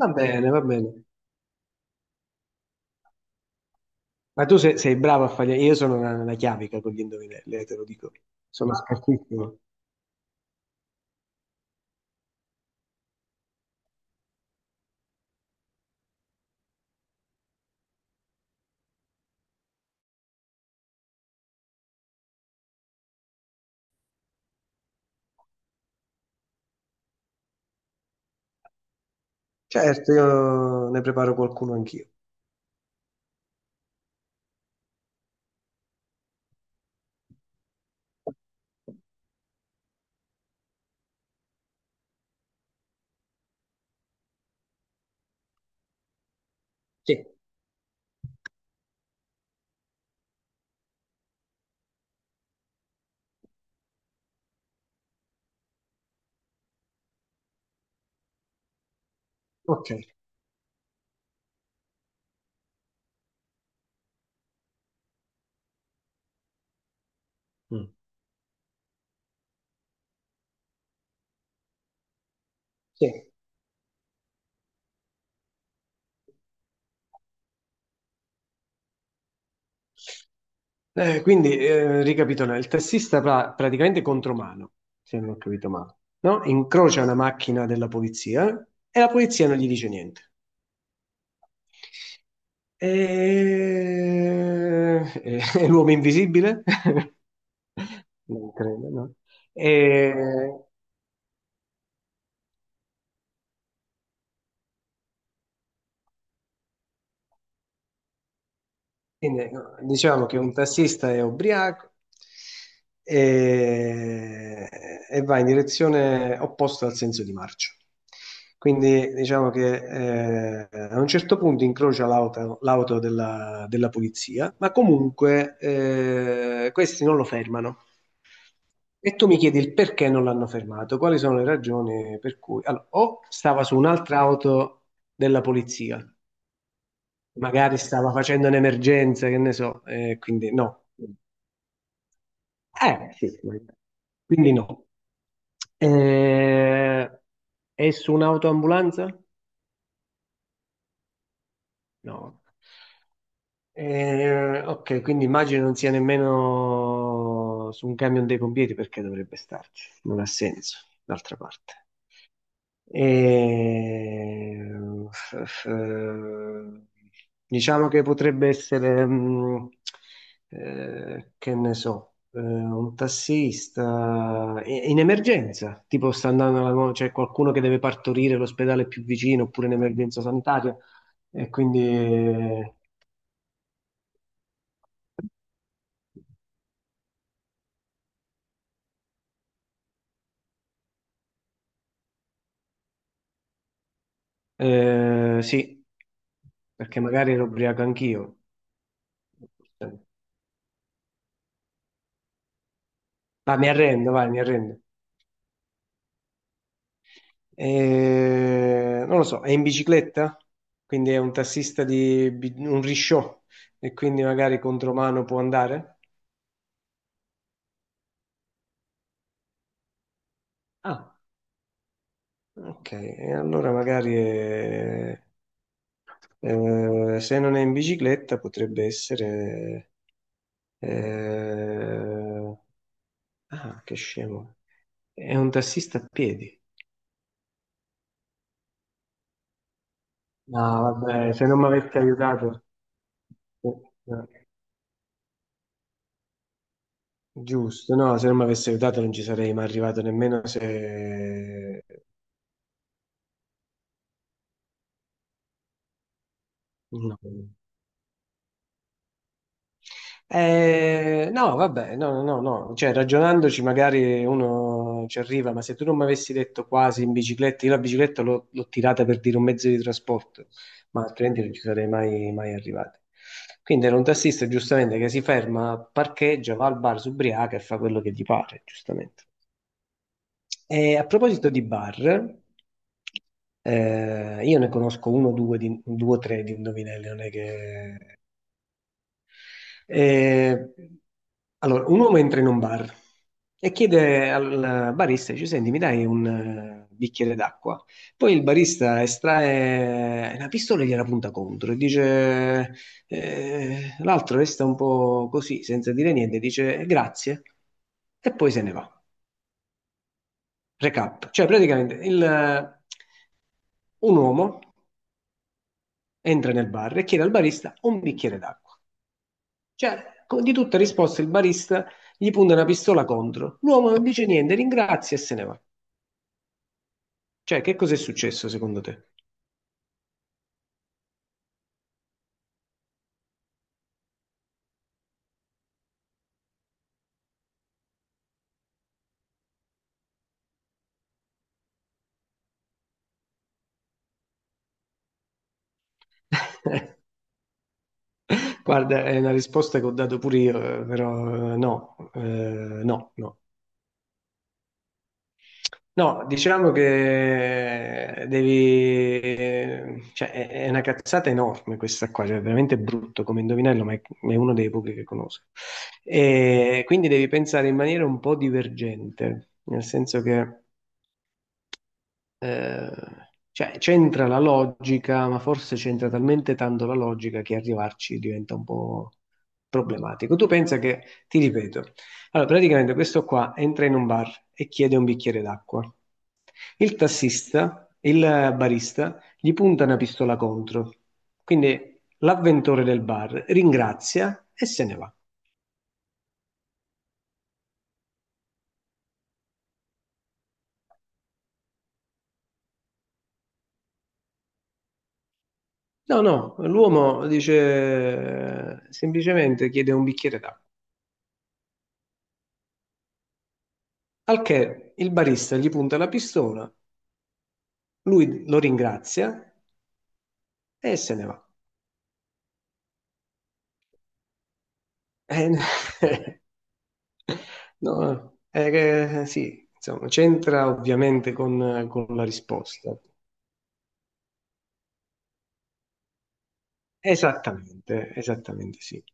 Va bene, va bene. Ma tu sei, bravo a fare... Io sono una chiavica con gli indovinelli, te lo dico. Sono scartissimo. Certo, io ne preparo qualcuno anch'io. Sì. Ok. Mm. Sì. Quindi, ricapitolando, il tassista praticamente contromano, se non ho capito male, no? Incrocia una macchina della polizia e la polizia non gli dice niente. E l'uomo invisibile? Non credo, no? E, Quindi ecco, diciamo che un tassista è ubriaco e, e va in direzione opposta al senso di marcia. Quindi diciamo che a un certo punto incrocia l'auto della polizia, ma comunque questi non lo fermano. E tu mi chiedi il perché non l'hanno fermato, quali sono le ragioni per cui... Allora, o stava su un'altra auto della polizia, magari stava facendo un'emergenza, che ne so, quindi no. Sì, magari. Quindi no. Eh, è su un'autoambulanza? No. Ok, quindi immagino non sia nemmeno su un camion dei pompieri perché dovrebbe starci, non ha senso, d'altra parte. E, f- f- diciamo che potrebbe essere, che ne so, un tassista in emergenza, tipo sta andando c'è qualcuno che deve partorire l'ospedale più vicino oppure in emergenza sanitaria. E quindi eh, sì, perché magari ero ubriaco anch'io. Ma mi arrendo, vai, mi arrendo. Non lo so, è in bicicletta, quindi è un un risciò e quindi magari contromano può andare? Ah, ok, e allora se non è in bicicletta potrebbe essere... eh, ah, che scemo, è un tassista a piedi. No, vabbè, se non mi avesse aiutato... Eh, Giusto, no, se non mi avesse aiutato non ci sarei mai arrivato nemmeno se, no. No, vabbè, no, no, no, no. Cioè, ragionandoci magari uno ci arriva, ma se tu non mi avessi detto quasi in bicicletta, io la bicicletta l'ho tirata per dire un mezzo di trasporto, ma altrimenti non ci sarei mai, mai arrivato. Quindi era un tassista, giustamente, che si ferma, parcheggia, va al bar, si ubriaca e fa quello che gli pare, giustamente. E a proposito di bar, io ne conosco uno o due, due o tre di indovinelli, non è che... E, allora, un uomo entra in un bar e chiede al barista, dice, senti, mi dai un bicchiere d'acqua? Poi il barista estrae una pistola e gliela punta contro e dice, l'altro resta un po' così, senza dire niente, dice grazie e poi se ne va. Recap, cioè praticamente un uomo entra nel bar e chiede al barista un bicchiere d'acqua. Cioè, di tutta risposta il barista gli punta una pistola contro. L'uomo non dice niente, ringrazia e se ne va. Cioè, che cos'è successo secondo te? Guarda, è una risposta che ho dato pure io, però no, no, no. No, diciamo che devi... Cioè, è una cazzata enorme questa qua, cioè, è veramente brutto come indovinello, ma è uno dei pochi che conosco. E quindi devi pensare in maniera un po' divergente, nel senso che... Eh, cioè, c'entra la logica, ma forse c'entra talmente tanto la logica che arrivarci diventa un po' problematico. Tu pensa che, ti ripeto, allora praticamente questo qua entra in un bar e chiede un bicchiere d'acqua. Il tassista, il barista, gli punta una pistola contro. Quindi l'avventore del bar ringrazia e se ne va. No, no, l'uomo dice semplicemente chiede un bicchiere d'acqua. Al che il barista gli punta la pistola, lui lo ringrazia e se ne va. Eh, no, sì, insomma, c'entra ovviamente con la risposta. Esattamente, esattamente sì.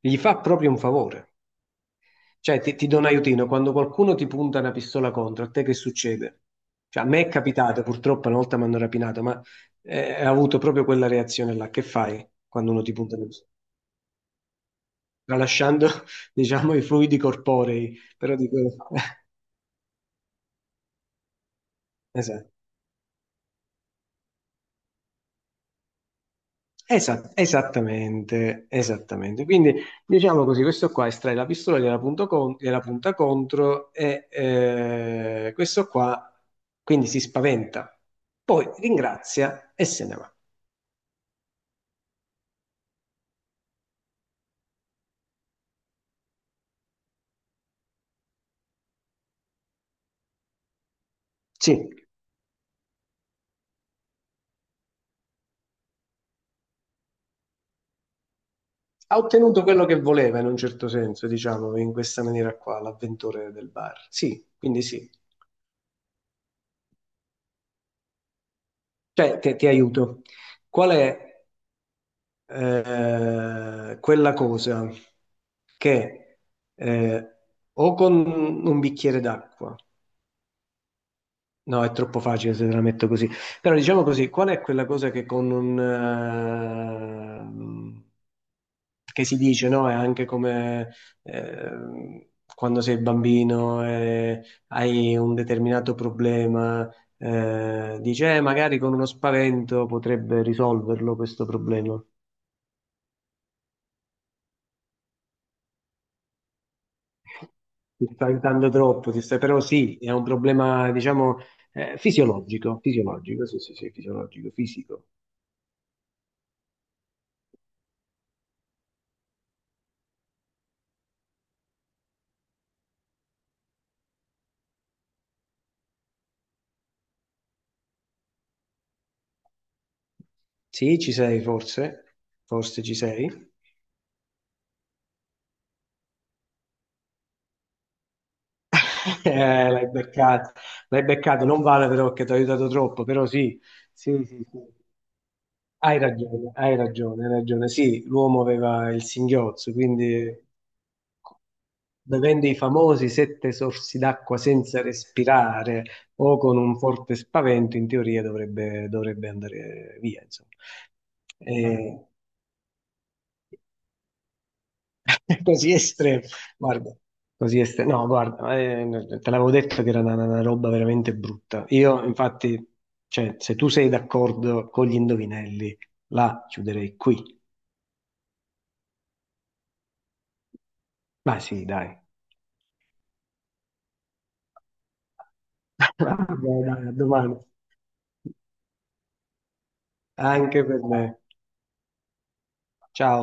Gli fa proprio un favore. Cioè, ti do un aiutino, quando qualcuno ti punta una pistola contro, a te che succede? Cioè, a me è capitato, purtroppo, una volta mi hanno rapinato, ma ho avuto proprio quella reazione là. Che fai quando uno ti punta una pistola? Tralasciando diciamo i fluidi corporei, però dico, esatto. Esattamente, esattamente. Quindi diciamo così, questo qua estrae la pistola, gliela punta contro e questo qua quindi si spaventa, poi ringrazia e se ne va. Sì, ha ottenuto quello che voleva in un certo senso, diciamo, in questa maniera qua, l'avventore del bar. Sì, quindi sì. Cioè, ti aiuto. Qual è quella cosa che eh, o con un bicchiere d'acqua, no, è troppo facile se te la metto così, però diciamo così, qual è quella cosa che con un... che si dice, no? È anche come eh, quando sei bambino e hai un determinato problema, dici, Magari con uno spavento potrebbe risolverlo questo problema." Ti sta aiutando troppo, però sì, è un problema, diciamo, fisiologico, fisiologico, sì, sì, sì, fisiologico, fisico. Sì, ci sei forse, forse ci sei. L'hai beccato, l'hai beccato, non vale però che ti ha aiutato troppo, però sì, sì, sì, sì. Hai ragione, hai ragione, hai ragione. Sì, l'uomo aveva il singhiozzo, quindi bevendo i famosi sette sorsi d'acqua senza respirare o con un forte spavento, in teoria dovrebbe andare via, insomma. Eh, così estremo, guarda, così estremo. No, guarda, te l'avevo detto che era una roba veramente brutta. Io, infatti, cioè, se tu sei d'accordo con gli indovinelli, la chiuderei qui. Ma sì, dai. Vabbè, dai, a domani. Anche per me. Ciao.